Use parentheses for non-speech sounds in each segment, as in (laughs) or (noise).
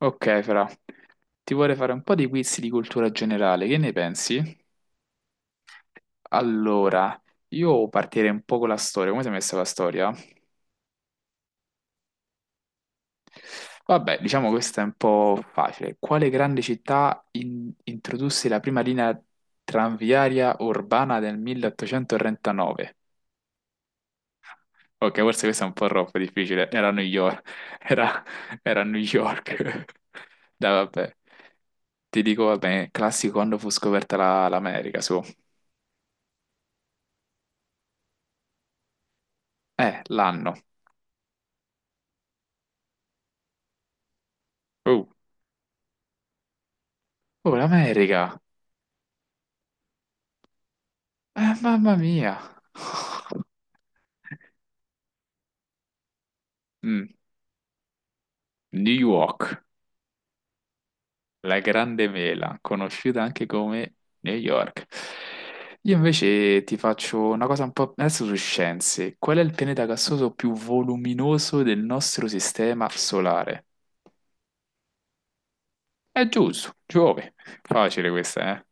Ok, Fra, ti vorrei fare un po' di quiz di cultura generale, che ne pensi? Allora, io partirei un po' con la storia, come sei messa la storia? Vabbè, diciamo questa è un po' facile. Quale grande città introdusse la prima linea tranviaria urbana del 1839? Ok, forse questa è un po' troppo difficile, era New York, (laughs) era, era New York. (laughs) Dai, vabbè, ti dico, vabbè, classico quando fu scoperta l'America, su. L'anno. Uh. Oh, l'America. Mamma mia. (laughs) Mm, New York, la grande mela, conosciuta anche come New York. Io invece ti faccio una cosa un po' adesso su scienze. Qual è il pianeta gassoso più voluminoso del nostro sistema solare? È giusto, Giove. Facile questa, eh?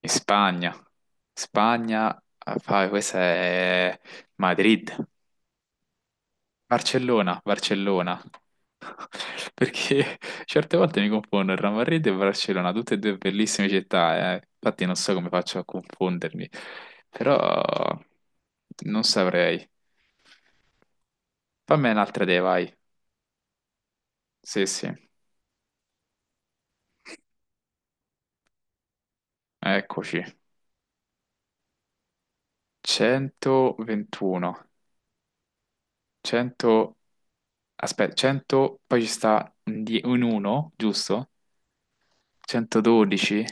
In Spagna. Spagna, ah, questa è Madrid. Barcellona, Barcellona. Perché (laughs) certe volte mi confondo il Real Madrid e Barcellona, tutte e due bellissime città, eh. Infatti non so come faccio a confondermi, però non saprei. Fammi un'altra idea, vai. Sì, sì, eccoci. 121, 100, aspetta, 100, poi ci sta un 1, giusto? 112,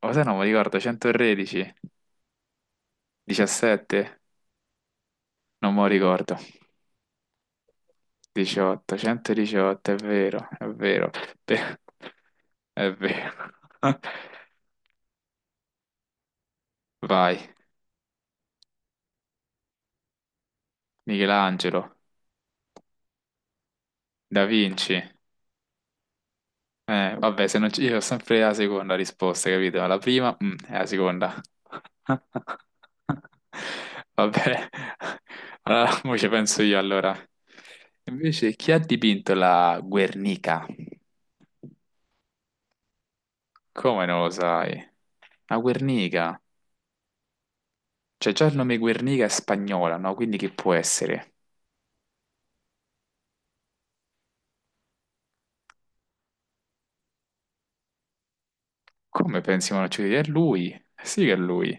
o se no mi ricordo, 113, 17, non me lo ricordo. 18, 118, è vero, beh, è vero. (laughs) Vai, Michelangelo, Da Vinci. Vabbè, se non ci... io ho sempre la seconda risposta, capito? La prima, è la seconda. (laughs) Vabbè, allora, mo ci penso io allora. Invece, chi ha dipinto la Guernica? Come non lo sai? La Guernica? Cioè, già il nome Guernica è spagnola, no? Quindi che può essere? Come pensi Monocchiudi? È lui? Sì che è lui.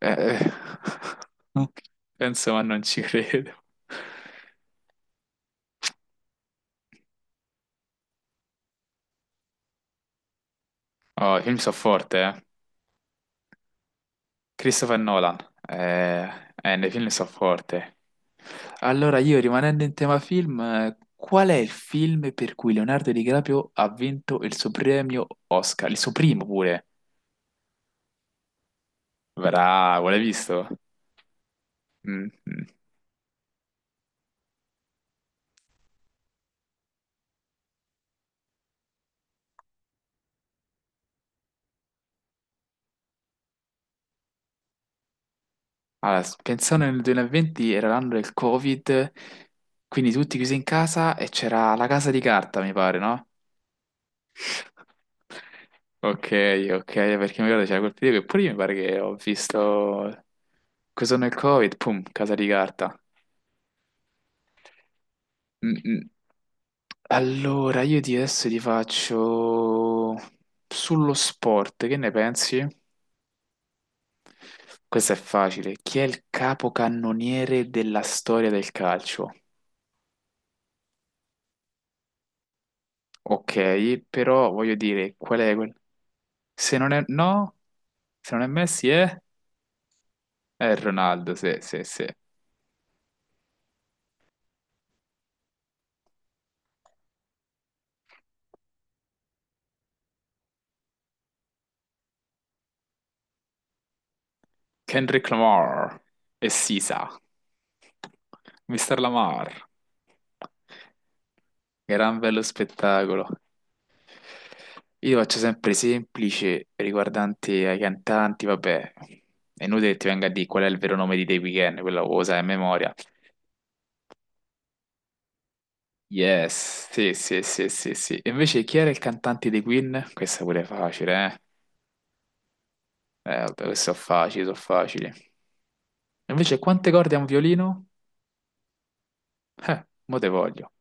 Eh. (laughs) Penso, ma non ci credo. Oh, i film so forte, eh. Christopher Nolan. Nei film so forte. Allora, io rimanendo in tema film, qual è il film per cui Leonardo DiCaprio ha vinto il suo premio Oscar? Il suo primo pure. Bravo, l'hai visto? Mm, mm. Allora, pensando nel 2020 era l'anno del Covid, quindi tutti chiusi in casa e c'era la casa di carta, mi pare, no? Ok, ok, perché mi ricordo c'era quel periodo che pure io mi pare che ho visto questo nel Covid, pum, casa di carta. Mm, mm. Allora, io ti adesso ti faccio sullo sport, che ne pensi? Questo è facile. Chi è il capocannoniere della storia del calcio? Ok, però voglio dire, qual è quel... Se non è... No? Se non è Messi è... È Ronaldo, sì, sì, sì. Kendrick Lamar e Sisa. Mr. Lamar. Gran bello spettacolo. Io faccio sempre semplice riguardanti ai cantanti, vabbè. È inutile che ti venga a dire qual è il vero nome di The Weeknd, quello lo sai a memoria. Yes, sì, sì, sì, sì, sì. E invece chi era il cantante dei Queen? Questa pure è facile, eh? Vabbè, queste sono facili, sono facili. Invece quante corde ha un violino? Mo te voglio.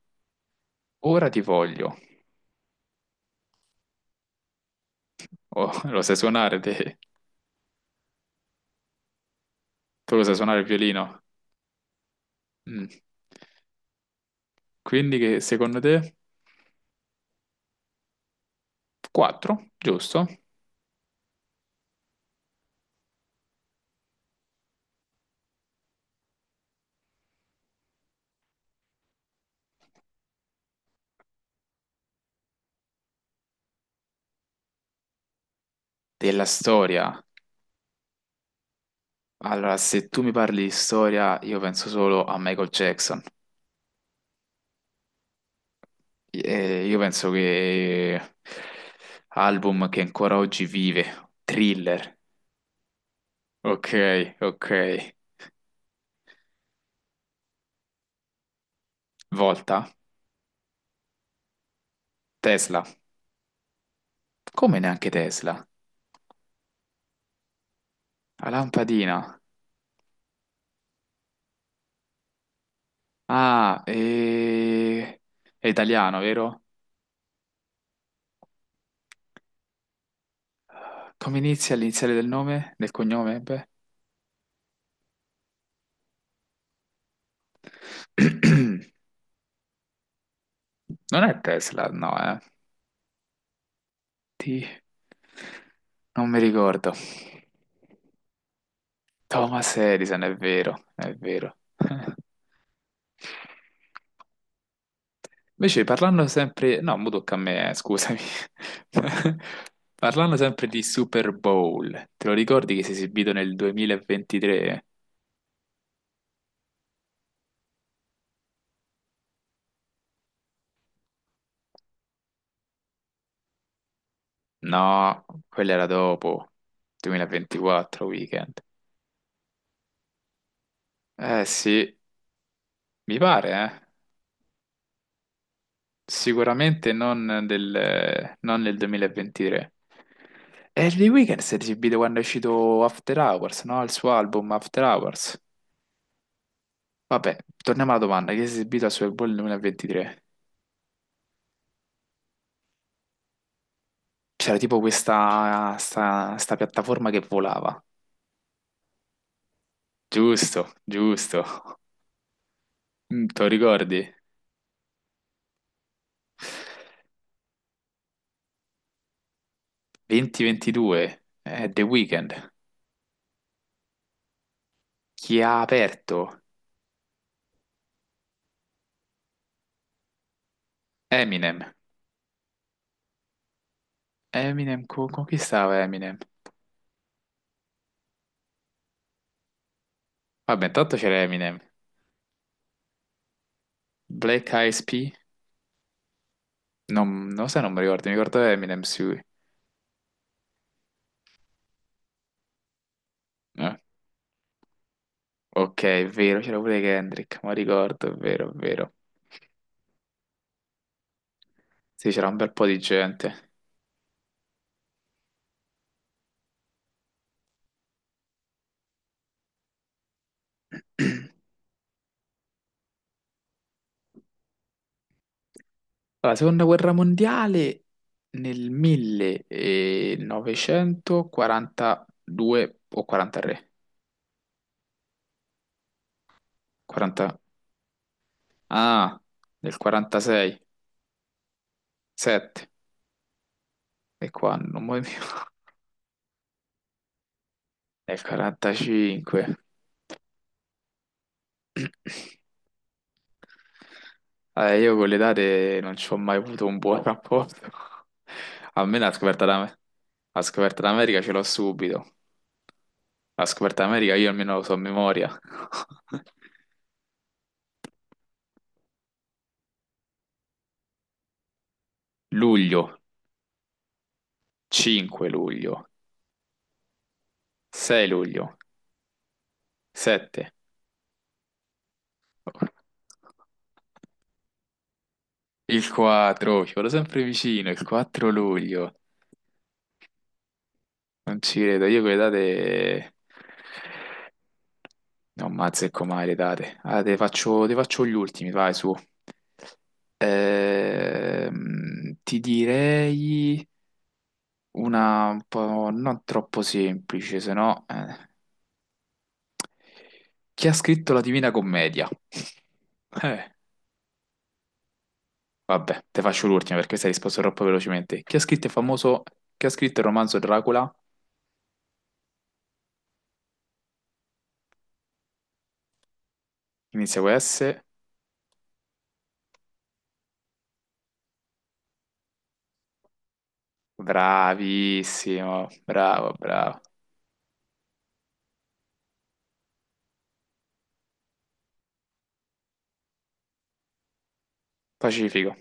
Ora ti voglio. Oh, (laughs) lo sai suonare te? Tu lo sai suonare il violino? Mm. Quindi che secondo te? Quattro, giusto? Della storia. Allora, se tu mi parli di storia, io penso solo a Michael Jackson. Io penso che album che ancora oggi vive, Thriller, ok, ok, Volta, Tesla, come neanche Tesla, la lampadina, ah, e... è italiano, vero? Come inizia l'iniziale del nome, del cognome? Beh. (clears throat) Non è Tesla, no, eh. Ti- Non mi ricordo. Thomas Edison, è vero, è vero. (laughs) Invece parlando sempre, no, mo tocca a me, scusami. (laughs) Parlando sempre di Super Bowl, te lo ricordi che si è esibito nel 2023? No, quello era dopo, 2024 weekend. Eh sì, mi pare, eh. Sicuramente non del, non nel 2023. E The Weeknd si è esibito quando è uscito After Hours, no? Il suo album After Hours. Vabbè, torniamo alla domanda, chi si è esibito al Super Bowl nel 2023? C'era tipo questa sta piattaforma che volava. Giusto, giusto. Te lo ricordi? 2022, The Weeknd. Chi ha aperto? Eminem. Eminem, con, chi stava Eminem? Vabbè, intanto c'era Eminem. Black Eyed P? Non lo so, non mi ricordo, mi ricordo Eminem, sì. Eh, ok, è vero, c'era pure Kendrick, ma ricordo, è vero, è vero. Sì, c'era un bel po' di gente. La seconda guerra mondiale nel 1942 o 43? 40... Ah, nel 46, 7. E qua non muoio più. (laughs) Nel 45. Io con le date non ci ho mai avuto un buon rapporto. (laughs) A me la scoperta d'America ce l'ho subito. La scoperta d'America io almeno lo so a memoria. (laughs) Luglio, 5 luglio. 6 luglio, 7, il 4, ci vado sempre vicino, il 4 luglio, non ci credo, io quelle date non azzecco mai le date, ah, te faccio gli ultimi, vai su, ti direi una un po' non troppo semplice, se no, eh. Chi ha scritto la Divina Commedia? (laughs) Eh. Vabbè, te faccio l'ultima perché questa hai risposto troppo velocemente. Chi ha scritto il romanzo Dracula? Inizia con S. Bravissimo, bravo, bravo. Pacifico.